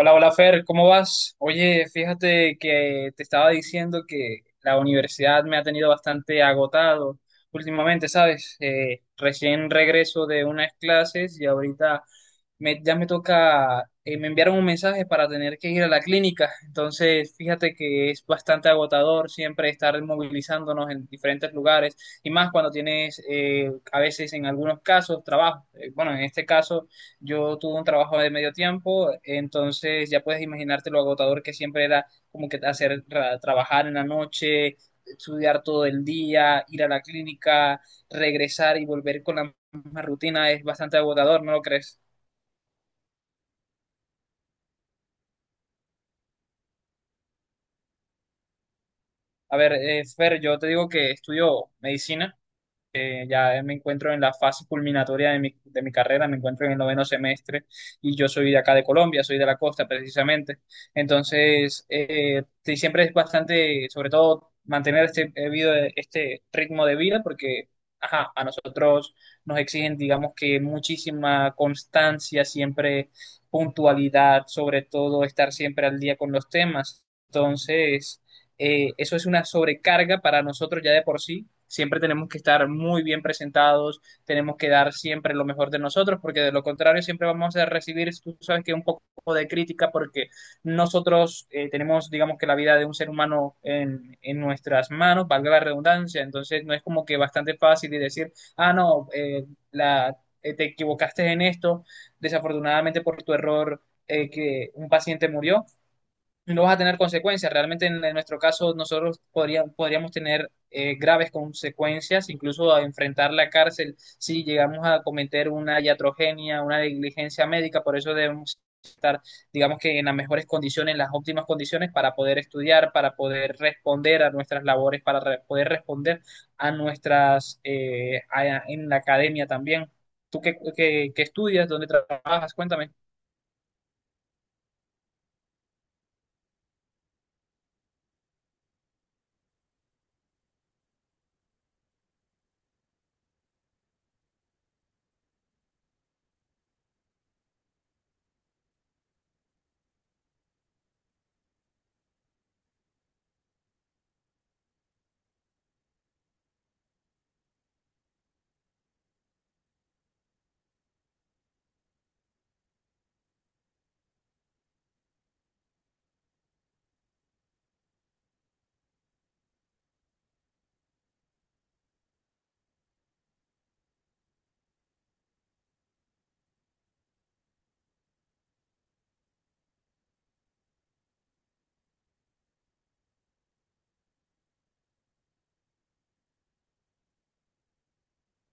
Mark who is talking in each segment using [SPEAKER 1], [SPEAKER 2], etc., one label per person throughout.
[SPEAKER 1] Hola, hola Fer, ¿cómo vas? Oye, fíjate que te estaba diciendo que la universidad me ha tenido bastante agotado últimamente, ¿sabes? Recién regreso de unas clases y ahorita ya me toca, me enviaron un mensaje para tener que ir a la clínica, entonces fíjate que es bastante agotador siempre estar movilizándonos en diferentes lugares y más cuando tienes a veces en algunos casos trabajo. Bueno, en este caso yo tuve un trabajo de medio tiempo, entonces ya puedes imaginarte lo agotador que siempre era como que hacer trabajar en la noche, estudiar todo el día, ir a la clínica, regresar y volver con la misma rutina es bastante agotador, ¿no lo crees? A ver, Fer, yo te digo que estudio medicina. Ya me encuentro en la fase culminatoria de mi carrera, me encuentro en el noveno semestre y yo soy de acá de Colombia, soy de la costa precisamente. Entonces, sí, siempre es bastante, sobre todo, mantener este ritmo de vida porque, ajá, a nosotros nos exigen, digamos que muchísima constancia, siempre puntualidad, sobre todo estar siempre al día con los temas. Entonces, eso es una sobrecarga para nosotros ya de por sí. Siempre tenemos que estar muy bien presentados, tenemos que dar siempre lo mejor de nosotros, porque de lo contrario siempre vamos a recibir, tú sabes que un poco de crítica, porque nosotros tenemos, digamos que la vida de un ser humano en nuestras manos, valga la redundancia, entonces no es como que bastante fácil de decir, ah, no, la, te equivocaste en esto, desafortunadamente por tu error que un paciente murió, no vas a tener consecuencias. Realmente en nuestro caso nosotros podríamos tener graves consecuencias, incluso a enfrentar la cárcel si llegamos a cometer una iatrogenia, una negligencia médica. Por eso debemos estar, digamos que en las mejores condiciones, en las óptimas condiciones para poder estudiar, para poder responder a nuestras labores, para poder responder en la academia también. ¿Tú qué estudias? ¿Dónde trabajas? Cuéntame.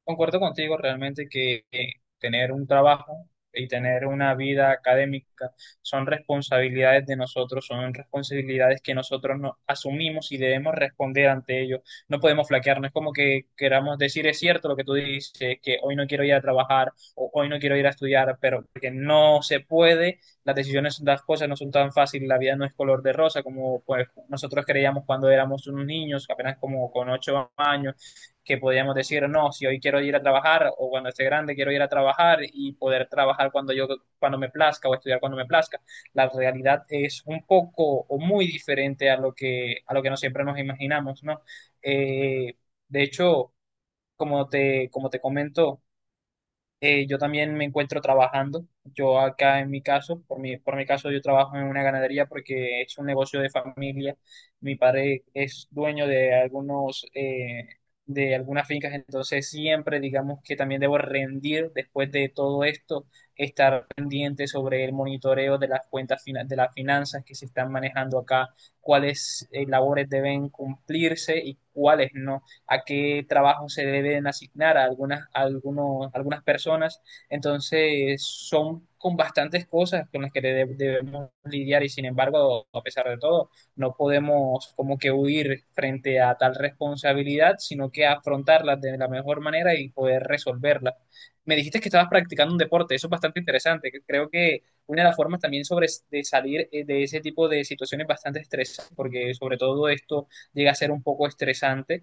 [SPEAKER 1] Concuerdo contigo realmente que tener un trabajo y tener una vida académica son responsabilidades de nosotros, son responsabilidades que nosotros no asumimos y debemos responder ante ello. No podemos flaquear, no es como que queramos decir es cierto lo que tú dices, que hoy no quiero ir a trabajar o hoy no quiero ir a estudiar, pero que no se puede, las decisiones, las cosas no son tan fáciles, la vida no es color de rosa como pues, nosotros creíamos cuando éramos unos niños, apenas como con 8 años que podíamos decir, no, si hoy quiero ir a trabajar o cuando esté grande quiero ir a trabajar y poder trabajar cuando me plazca o estudiar cuando me plazca. La realidad es un poco o muy diferente a lo que no siempre nos imaginamos, ¿no? Eh, de hecho, como te comento, yo también me encuentro trabajando. Yo acá en mi caso, por mi caso, yo trabajo en una ganadería porque es un negocio de familia. Mi padre es dueño de algunas fincas, entonces siempre digamos que también debo rendir después de todo esto, estar pendiente sobre el monitoreo de las cuentas, de las finanzas que se están manejando acá, cuáles, labores deben cumplirse y cuáles no. A qué trabajo se deben asignar a algunas, a algunos, algunas personas. Entonces, son con bastantes cosas con las que debemos lidiar y sin embargo, a pesar de todo, no podemos como que huir frente a tal responsabilidad, sino que afrontarla de la mejor manera y poder resolverla. Me dijiste que estabas practicando un deporte, eso es bastante interesante. Que Creo que una de las formas también de salir de ese tipo de situaciones bastante estresantes, porque sobre todo esto llega a ser un poco estresante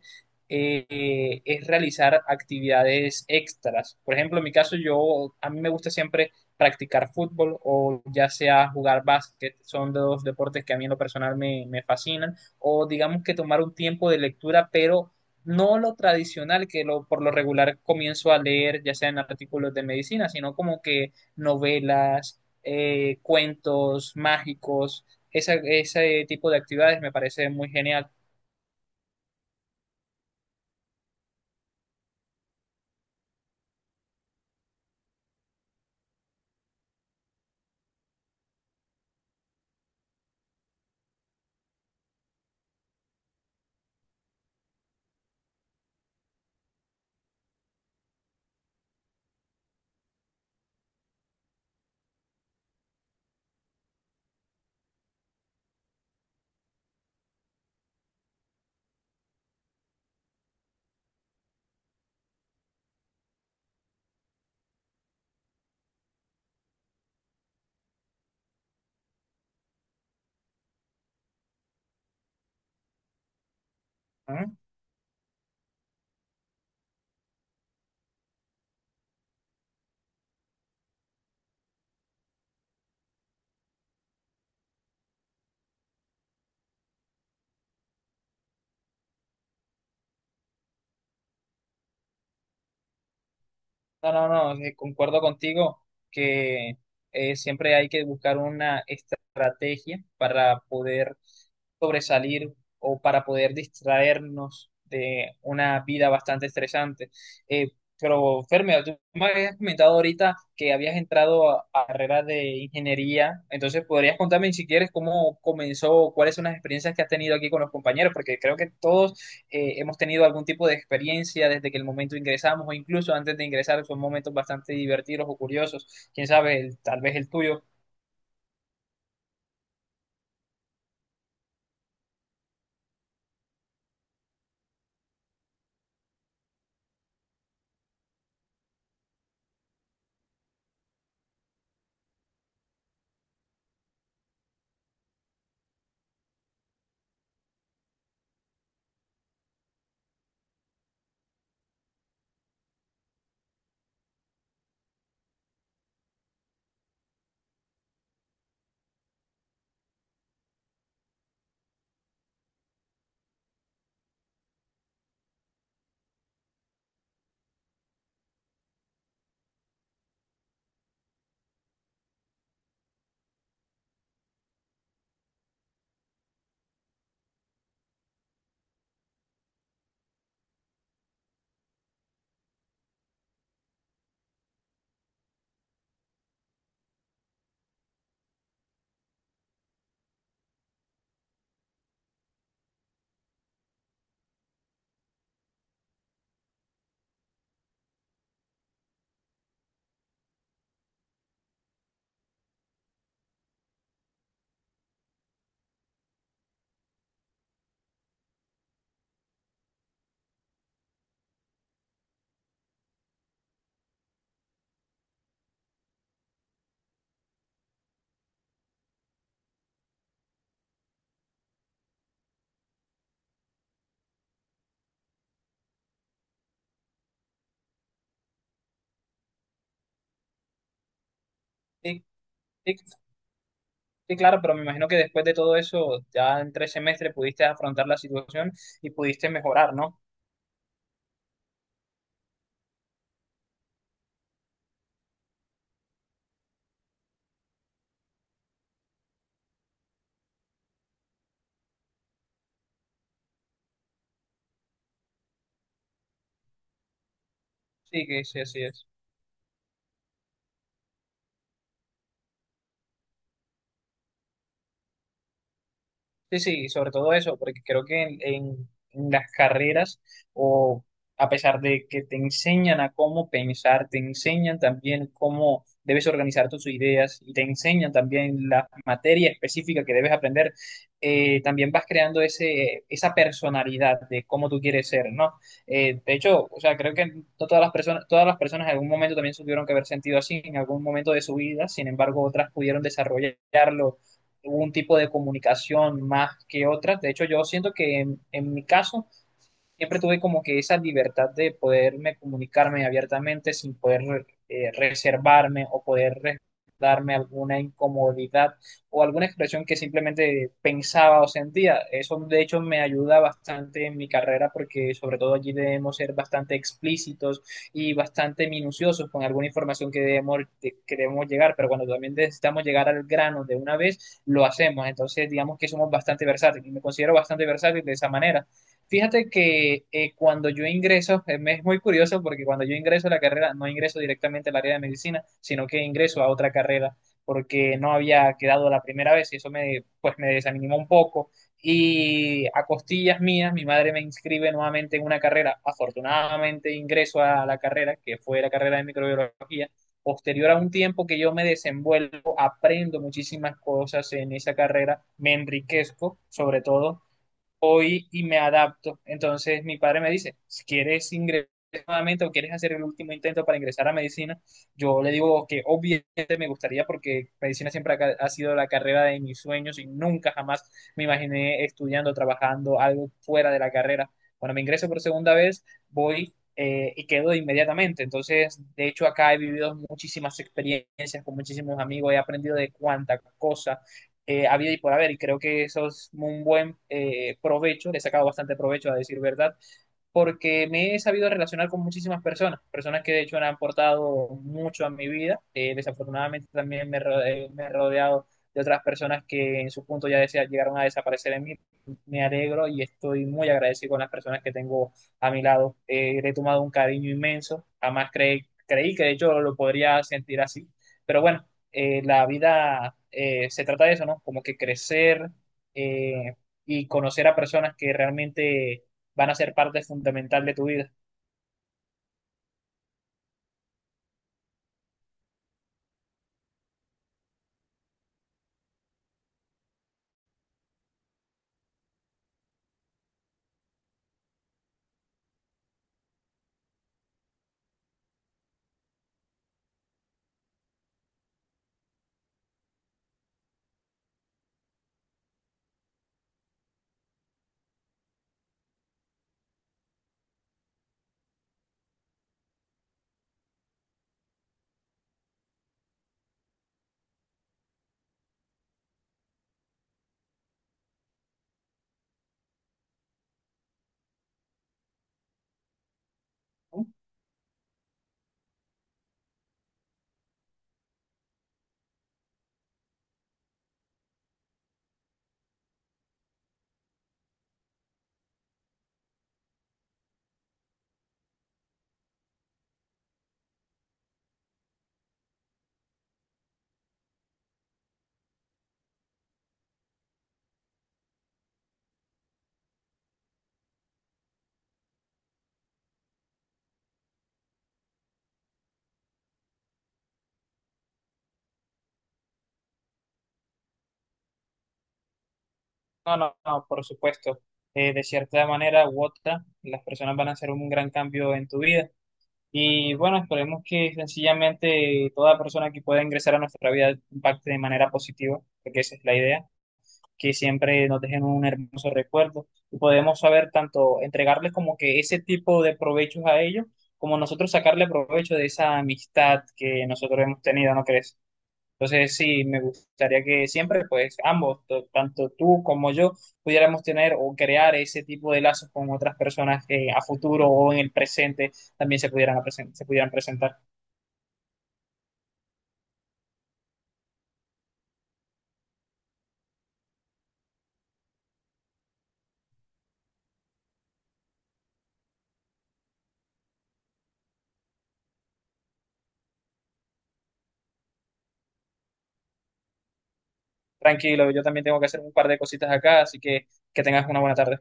[SPEAKER 1] es realizar actividades extras. Por ejemplo, en mi caso, yo a mí me gusta siempre practicar fútbol o ya sea jugar básquet, son dos deportes que a mí en lo personal me fascinan, o digamos que tomar un tiempo de lectura, pero no lo tradicional por lo regular comienzo a leer, ya sean artículos de medicina, sino como que novelas, cuentos mágicos, ese tipo de actividades me parece muy genial. No, no, no, concuerdo contigo que siempre hay que buscar una estrategia para poder sobresalir o para poder distraernos de una vida bastante estresante. Eh, pero, Fermio, tú me habías comentado ahorita que habías entrado a carrera de ingeniería, entonces podrías contarme si quieres cómo comenzó, cuáles son las experiencias que has tenido aquí con los compañeros, porque creo que todos hemos tenido algún tipo de experiencia desde que el momento ingresamos o incluso antes de ingresar son momentos bastante divertidos o curiosos, quién sabe, tal vez el tuyo. Sí, sí, sí, claro, pero me imagino que después de todo eso, ya en 3 semestres pudiste afrontar la situación y pudiste mejorar, ¿no? Sí, que sí, así es. Sí, sí, sobre todo eso, porque creo que en las carreras, o a pesar de que te enseñan a cómo pensar, te enseñan también cómo debes organizar tus ideas y te enseñan también la materia específica que debes aprender, también vas creando esa personalidad de cómo tú quieres ser, ¿no? De hecho, o sea, creo que no todas las personas, todas las personas en algún momento también se tuvieron que haber sentido así en algún momento de su vida, sin embargo, otras pudieron desarrollarlo hubo un tipo de comunicación más que otras. De hecho, yo siento que en mi caso siempre tuve como que esa libertad de poderme comunicarme abiertamente sin poder reservarme o poder darme alguna incomodidad o alguna expresión que simplemente pensaba o sentía. Eso de hecho me ayuda bastante en mi carrera porque sobre todo allí debemos ser bastante explícitos y bastante minuciosos con alguna información que debemos llegar, pero cuando también necesitamos llegar al grano de una vez, lo hacemos. Entonces digamos que somos bastante versátiles y me considero bastante versátil de esa manera. Fíjate que cuando yo ingreso, me es muy curioso porque cuando yo ingreso a la carrera, no ingreso directamente al área de medicina, sino que ingreso a otra carrera porque no había quedado la primera vez y pues me desanimó un poco. Y a costillas mías, mi madre me inscribe nuevamente en una carrera. Afortunadamente ingreso a la carrera, que fue la carrera de microbiología. Posterior a un tiempo que yo me desenvuelvo, aprendo muchísimas cosas en esa carrera, me enriquezco sobre todo hoy y me adapto. Entonces mi padre me dice, si quieres ingresar nuevamente o quieres hacer el último intento para ingresar a medicina, yo le digo que obviamente me gustaría porque medicina siempre ha sido la carrera de mis sueños y nunca jamás me imaginé estudiando, trabajando algo fuera de la carrera. Cuando me ingreso por segunda vez, voy y quedo inmediatamente. Entonces, de hecho, acá he vivido muchísimas experiencias con muchísimos amigos, he aprendido de cuánta cosa, había y por haber, y creo que eso es un buen provecho, le he sacado bastante provecho a decir verdad, porque me he sabido relacionar con muchísimas personas, personas que de hecho han aportado mucho a mi vida, desafortunadamente también me he rodeado de otras personas que en su punto ya llegaron a desaparecer en mí, me alegro y estoy muy agradecido con las personas que tengo a mi lado. Le he tomado un cariño inmenso, jamás creí que de hecho lo podría sentir así, pero bueno la vida se trata de eso, ¿no? Como que crecer eh, y conocer a personas que realmente van a ser parte fundamental de tu vida. No, no, no, por supuesto. De cierta manera u otra, las personas van a hacer un gran cambio en tu vida. Y bueno, esperemos que sencillamente toda persona que pueda ingresar a nuestra vida impacte de manera positiva, porque esa es la idea. Que siempre nos dejen un hermoso recuerdo y podemos saber tanto entregarles como que ese tipo de provechos a ellos, como nosotros sacarle provecho de esa amistad que nosotros hemos tenido, ¿no crees? Entonces sí, me gustaría que siempre, pues ambos, tanto tú como yo, pudiéramos tener o crear ese tipo de lazos con otras personas que a futuro o en el presente también se pudieran presentar. Tranquilo, yo también tengo que hacer un par de cositas acá, así que tengas una buena tarde.